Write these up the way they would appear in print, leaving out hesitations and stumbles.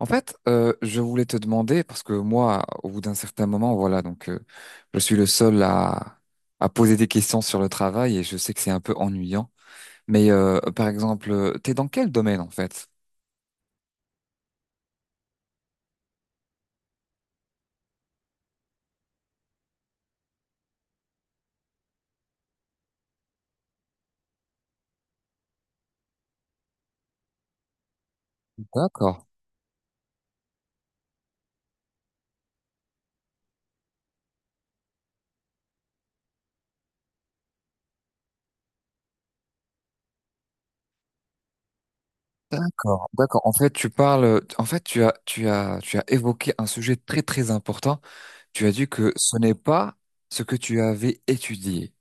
En fait, je voulais te demander, parce que moi, au bout d'un certain moment, voilà, donc je suis le seul à poser des questions sur le travail et je sais que c'est un peu ennuyant. Mais par exemple, t'es dans quel domaine en fait? D'accord, d'accord, d'accord. En fait, tu parles, en fait, tu as évoqué un sujet très très important. Tu as dit que ce n'est pas ce que tu avais étudié.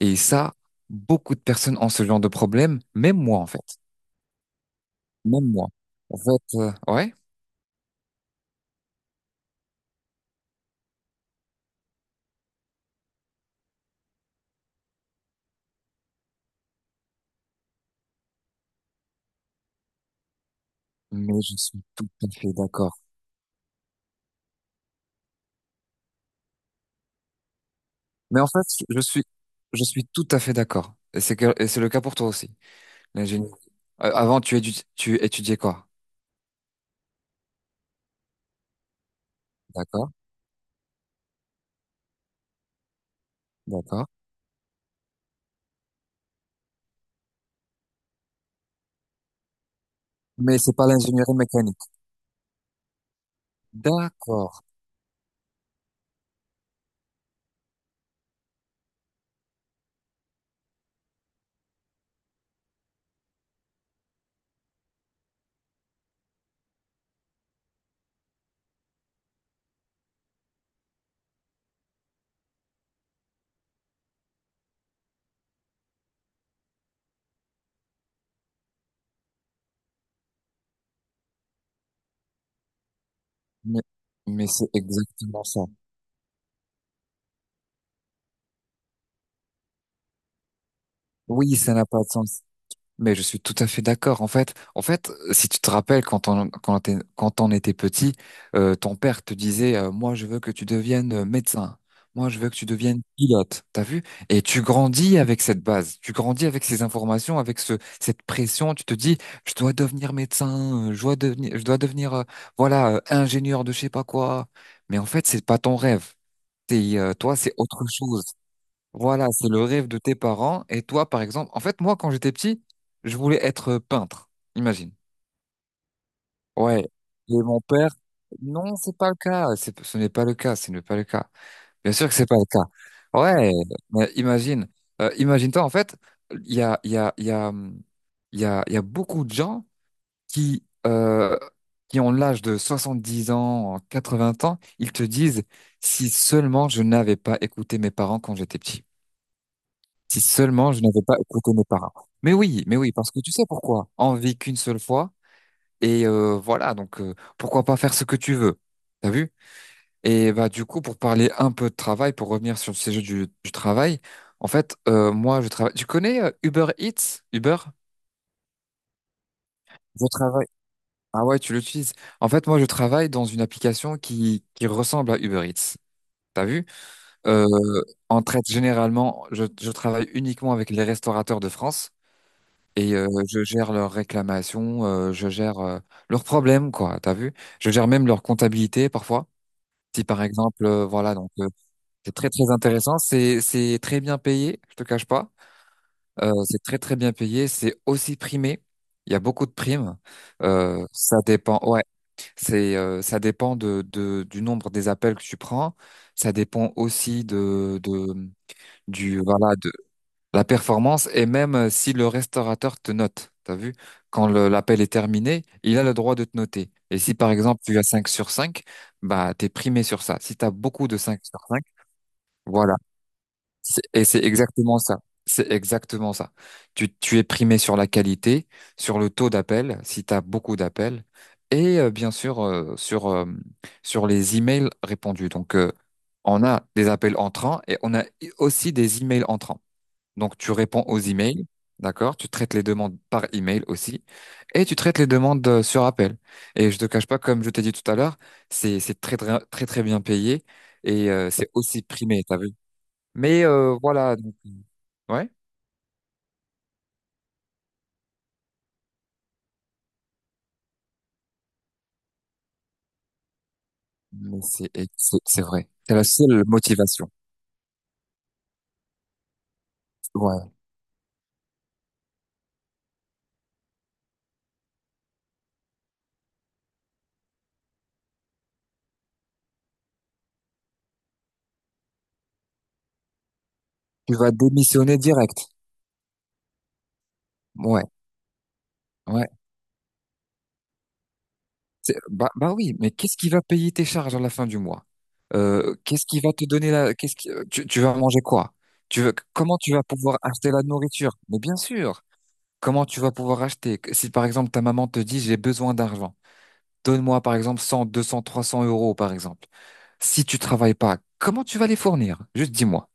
Et ça, beaucoup de personnes ont ce genre de problème, même moi en fait, même moi. En fait, ouais. Mais je suis tout à fait d'accord. Mais en fait, je suis, je suis tout à fait d'accord. Et c'est le cas pour toi aussi. L'ingénierie. Avant, tu étudiais quoi? D'accord, d'accord. Mais c'est pas l'ingénierie mécanique. D'accord. Mais, mais c'est exactement ça. Oui, ça n'a pas de sens. Mais je suis tout à fait d'accord. En fait, si tu te rappelles quand on était petit, ton père te disait, moi je veux que tu deviennes médecin. Moi je veux que tu deviennes pilote. T'as vu? Et tu grandis avec cette base. Tu grandis avec ces informations, avec ce cette pression. Tu te dis, je dois devenir médecin. Je dois devenir, voilà, ingénieur de je sais pas quoi. Mais en fait, c'est pas ton rêve. Toi, c'est autre chose. Voilà, c'est le rêve de tes parents. Et toi, par exemple, en fait, moi, quand j'étais petit, je voulais être peintre. Imagine. Ouais. Et mon père, non, c'est pas le cas. Ce n'est pas le cas. Ce n'est pas le cas. Bien sûr que c'est pas le cas. Ouais. Mais imagine. Imagine-toi, en fait, il y a, il y a, il y a, il y a, il y a beaucoup de gens qui, euh, qui ont l'âge de 70 ans, 80 ans. Ils te disent, si seulement je n'avais pas écouté mes parents quand j'étais petit. Si seulement je n'avais pas écouté mes parents. Mais oui, parce que tu sais pourquoi? On vit qu'une seule fois et voilà, donc pourquoi pas faire ce que tu veux? T'as vu? Et bah du coup, pour parler un peu de travail, pour revenir sur le sujet du travail, en fait, moi je travaille. Tu connais Uber Eats? Uber? Je travaille. Ah ouais, tu l'utilises. En fait, moi je travaille dans une application qui ressemble à Uber Eats. T'as vu? Euh, on traite généralement. Je travaille uniquement avec les restaurateurs de France. Et je gère leurs réclamations, je gère leurs problèmes, quoi, t'as vu? Je gère même leur comptabilité parfois. Si par exemple, voilà, donc c'est très très intéressant, c'est très bien payé, je te cache pas. C'est très très bien payé, c'est aussi primé. Il y a beaucoup de primes. Ça dépend, ouais, c'est ça dépend de du nombre des appels que tu prends. Ça dépend aussi de du voilà la performance, et même si le restaurateur te note, t'as vu, quand l'appel est terminé, il a le droit de te noter. Et si par exemple tu as cinq sur 5, bah t'es primé sur ça. Si tu as beaucoup de 5 sur 5, voilà. Et c'est exactement ça. C'est exactement ça. Tu es primé sur la qualité, sur le taux d'appel, si tu as beaucoup d'appels, et bien sûr sur, sur les emails répondus. Donc on a des appels entrants et on a aussi des emails entrants. Donc, tu réponds aux emails, d'accord? Tu traites les demandes par email aussi. Et tu traites les demandes sur appel. Et je te cache pas, comme je t'ai dit tout à l'heure, c'est très, très, très, très bien payé. Et c'est aussi primé, t'as vu? Mais voilà, donc, ouais. Et c'est vrai. C'est la seule motivation. Ouais. Tu vas démissionner direct. Ouais. Ouais. Bah, bah oui, mais qu'est-ce qui va payer tes charges à la fin du mois? Qu'est-ce qui va te donner la, qu'est-ce qui, tu vas manger quoi? Comment tu vas pouvoir acheter la nourriture? Mais bien sûr, comment tu vas pouvoir acheter? Si par exemple ta maman te dit j'ai besoin d'argent, donne-moi par exemple 100, 200, 300 € par exemple. Si tu travailles pas, comment tu vas les fournir? Juste dis-moi.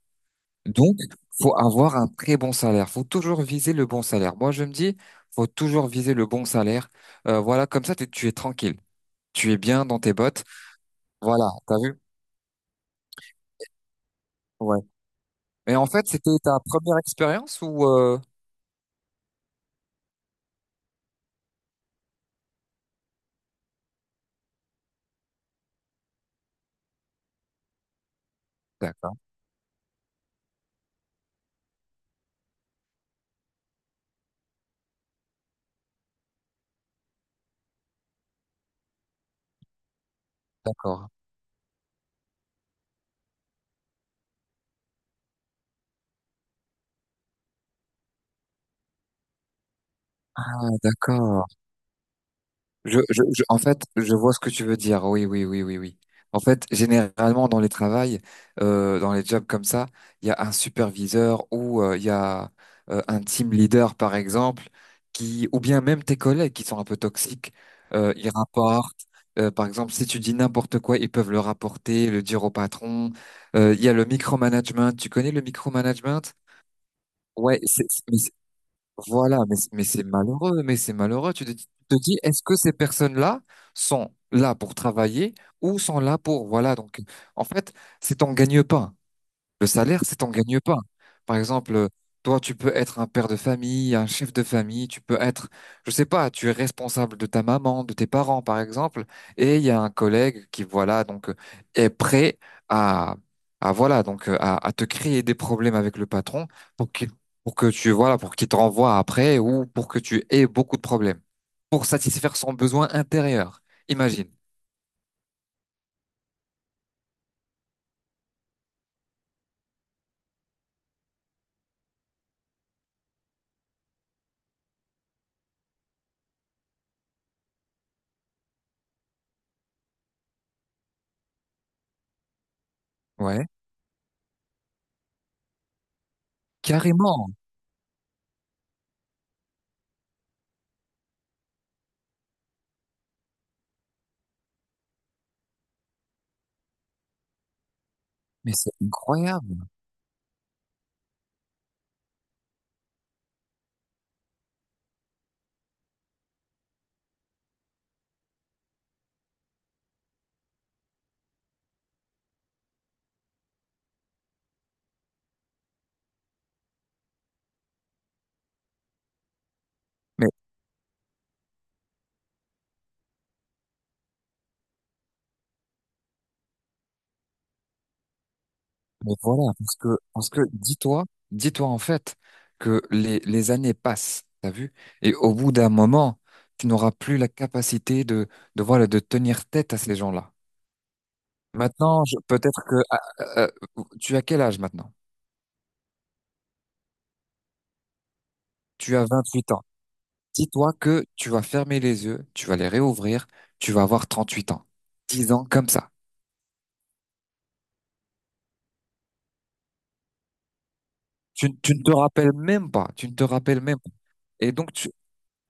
Donc, faut avoir un très bon salaire. Faut toujours viser le bon salaire. Moi, je me dis, faut toujours viser le bon salaire. Voilà, comme ça, tu es tranquille. Tu es bien dans tes bottes. Voilà, t'as vu? Ouais. Et en fait, c'était ta première expérience ou, d'accord, d'accord. Ah, d'accord. En fait, je vois ce que tu veux dire. Oui, oui, oui, oui, oui. En fait, généralement, dans les travails, dans les jobs comme ça, il y a un superviseur ou il y a un team leader, par exemple, qui, ou bien même tes collègues qui sont un peu toxiques, ils rapportent. Par exemple, si tu dis n'importe quoi, ils peuvent le rapporter, le dire au patron. Il y a le micromanagement. Tu connais le micromanagement? Ouais, c'est, voilà, mais c'est malheureux, mais c'est malheureux. Tu te dis, est-ce que ces personnes-là sont là pour travailler ou sont là pour, voilà, donc, en fait, c'est ton gagne-pain. Le salaire, c'est t'en gagnes pas. Par exemple, toi, tu peux être un père de famille, un chef de famille, tu peux être, je sais pas, tu es responsable de ta maman, de tes parents, par exemple, et il y a un collègue qui, voilà, donc, est prêt à, à voilà, donc, à te créer des problèmes avec le patron pour qu'il, pour que tu, voilà, pour qu'il te renvoie après ou pour que tu aies beaucoup de problèmes pour satisfaire son besoin intérieur. Imagine. Ouais. Carrément. Mais c'est incroyable. Mais. Mais voilà, parce que dis-toi, dis-toi en fait que les années passent, t'as vu? Et au bout d'un moment, tu n'auras plus la capacité de, voilà, de tenir tête à ces gens-là. Maintenant, peut-être que, tu as quel âge maintenant? Tu as 28 ans. Dis-toi que tu vas fermer les yeux, tu vas les réouvrir, tu vas avoir 38 ans. 10 ans comme ça. Tu ne te rappelles même pas, tu ne te rappelles même pas. Et donc, tu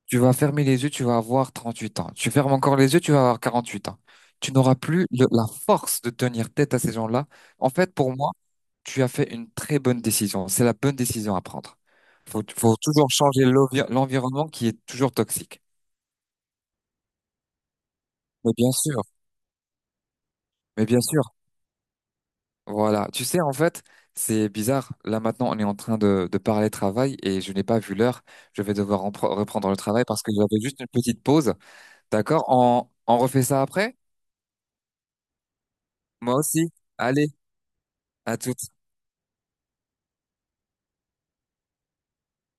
Tu vas fermer les yeux, tu vas avoir 38 ans. Tu fermes encore les yeux, tu vas avoir 48 ans. Tu n'auras plus la force de tenir tête à ces gens-là. En fait, pour moi, tu as fait une très bonne décision. C'est la bonne décision à prendre. Faut toujours changer l'environnement qui est toujours toxique. Mais bien sûr, mais bien sûr. Voilà. Tu sais, en fait, c'est bizarre. Là, maintenant, on est en train de parler travail et je n'ai pas vu l'heure. Je vais devoir reprendre le travail parce que j'avais juste une petite pause. D'accord? On refait ça après? Moi aussi. Allez. À tout